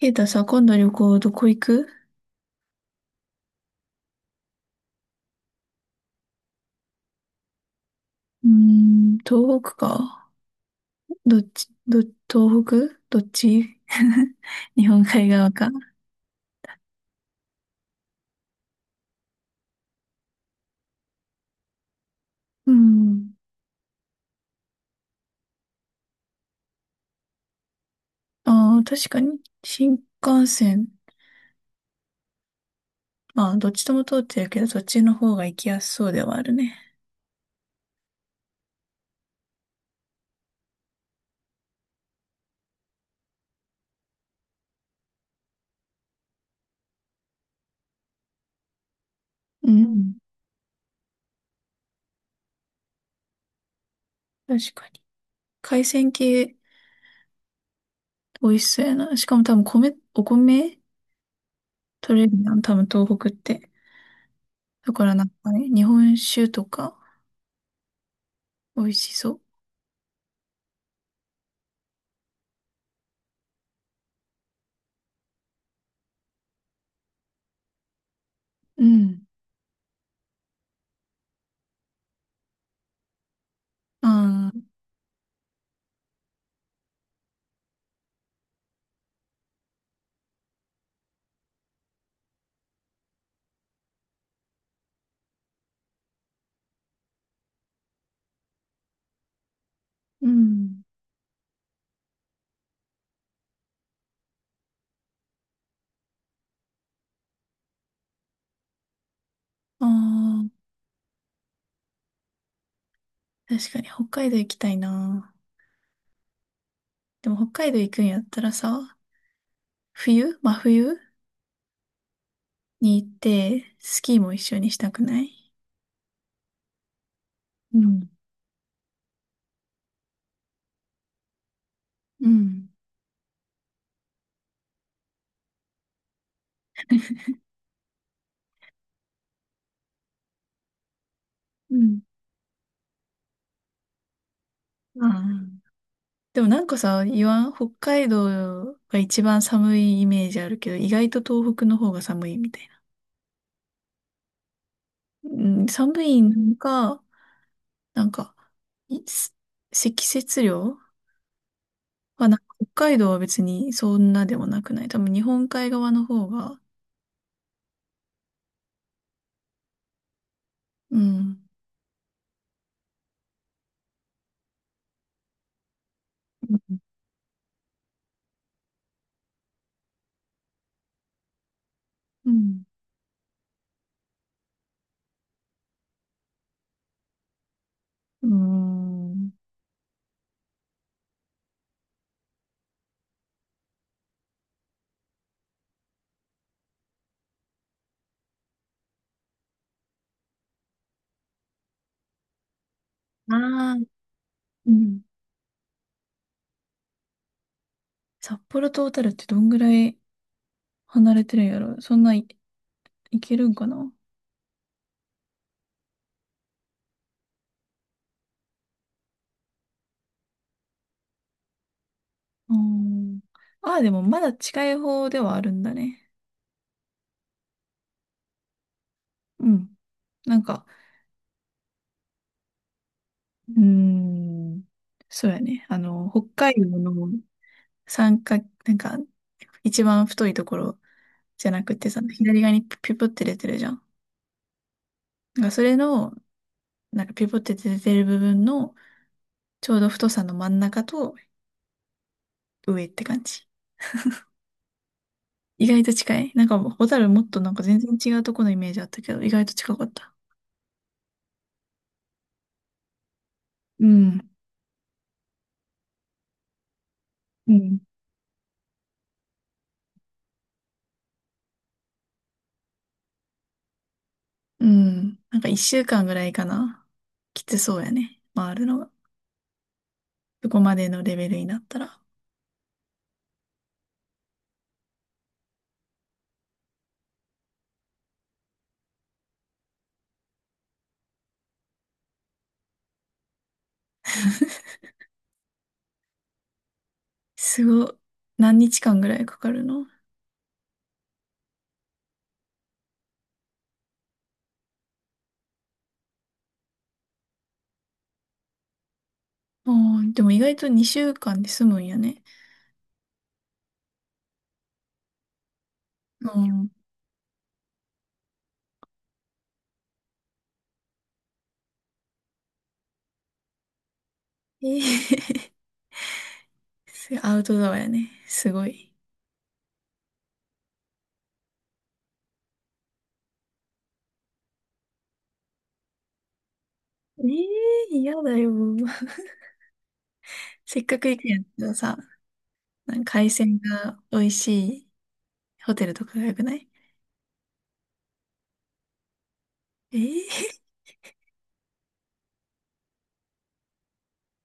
ケイタさ、今度旅行どこ行く？うーん、東北か。どっち、東北どっち？ 日本海側か。うん。ああ、確かに、新幹線。まあ、どっちとも通ってるけど、そっちの方が行きやすそうではあるね。うん。確かに。海鮮系、美味しそうやな。しかも多分米、お米取れるやん。多分東北って。だからなんかね、日本酒とか、美味しそう。うん。ああ、うん。ああ、確かに北海道行きたいな。でも北海道行くんやったらさ、冬真冬に行って、スキーも一緒にしたくない？うん、うん、うん。ああ、でもなんかさ、言わん北海道が一番寒いイメージあるけど、意外と東北の方が寒いみたいな。うん、寒いのか、なんか、いす積雪量はなんか北海道は別にそんなでもなくない？多分日本海側の方が、うん。うん。うーん。ああ、うん。札幌と小樽ってどんぐらい離れてるんやろ？そんないいけるんかな？あー、ああ、でもまだ近い方ではあるんだね。うん。なんか、うーん。そうやね。あの、北海道の三角、なんか、一番太いところじゃなくてさ、左側にピポって出てるじゃん。なんかそれの、なんかピポって出てる部分のちょうど太さの真ん中と上って感じ。意外と近い。なんか、ホタルもっとなんか全然違うとこのイメージあったけど、意外と近かった。うん。うん。うん。なんか一週間ぐらいかな。きつそうやね。回るのが。そこまでのレベルになったら。すごい。何日間ぐらいかかるの？あー、でも意外と2週間で済むんやね。うん。ええー。 アウトドアやね。すごい。ええー、嫌だよ。せっかく行くんやったらさ、なんか海鮮が美味しいホテルとかが良くない？ええ。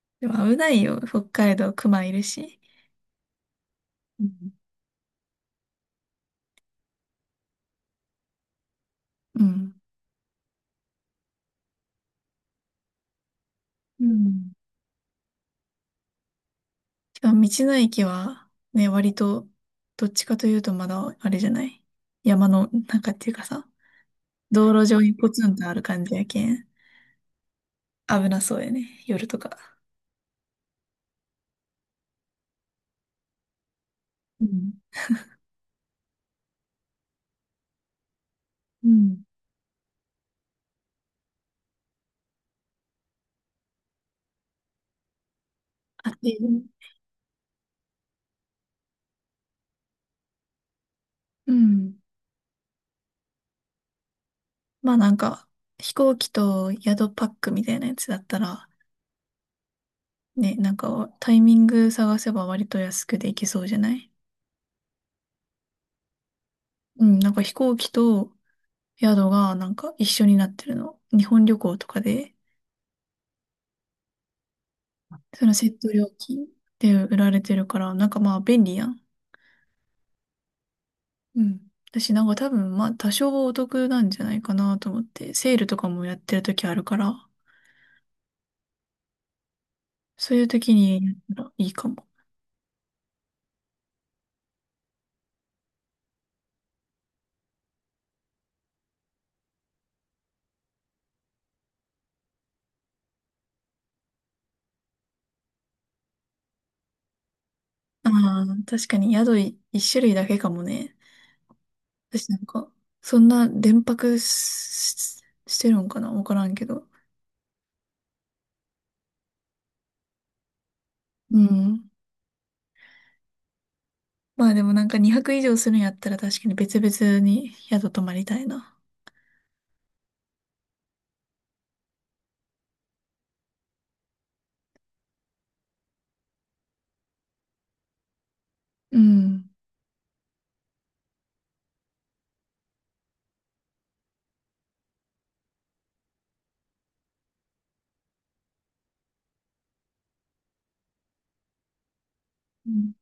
でも危ないよ。北海道、熊いるし。うん。うん。うん。しかも道の駅は、ね、割と、どっちかというとまだ、あれじゃない？山の中っていうかさ、道路上にポツンとある感じやけん。危なそうやね。夜とか。うんうん、あって、うん。まあなんか、飛行機と宿パックみたいなやつだったら、ね、なんかタイミング探せば割と安くで行けそうじゃない？うん、なんか飛行機と宿がなんか一緒になってるの。日本旅行とかで、そのセット料金で売られてるから、なんかまあ便利やん。うん。私なんか多分まあ多少お得なんじゃないかなと思って、セールとかもやってる時あるから、そういう時にやったらいいかも。ああ、確かに一種類だけかもね。私なんか、そんな連泊し、してるんかなわからんけど。うん。まあでもなんか2泊以上するんやったら確かに別々に宿泊まりたいな。うん。うん、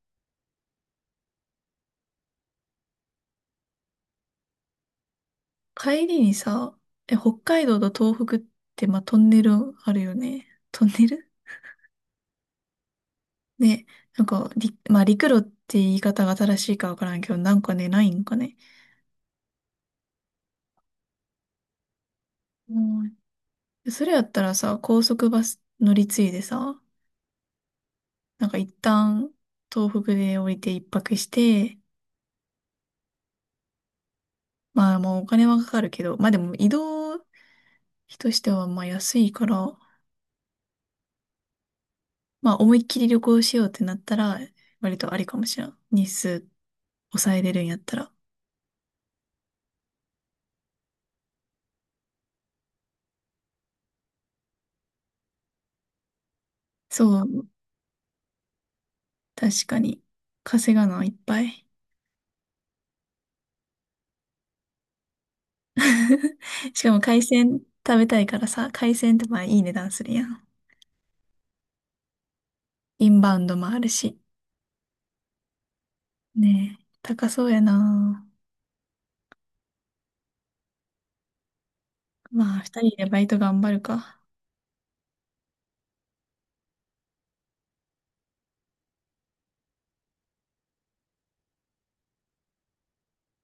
帰りにさ、え、北海道と東北って、まあ、トンネルあるよね。トンネルね、なんか、まあ、陸路って言い方が正しいかわからんけど、なんかね、ないんかね。うん、それやったらさ、高速バス乗り継いでさ、なんか一旦東北で降りて一泊して、まあもうお金はかかるけど、まあでも移動費としてはまあ安いから、まあ思いっきり旅行しようってなったら、割とありかもしれん。日数抑えれるんやったら。そう、確かに。稼がないっぱい。しかも海鮮食べたいからさ、海鮮ってまあいい値段するやん。インバウンドもあるし。ねえ、高そうやな。まあ、二人でバイト頑張るか。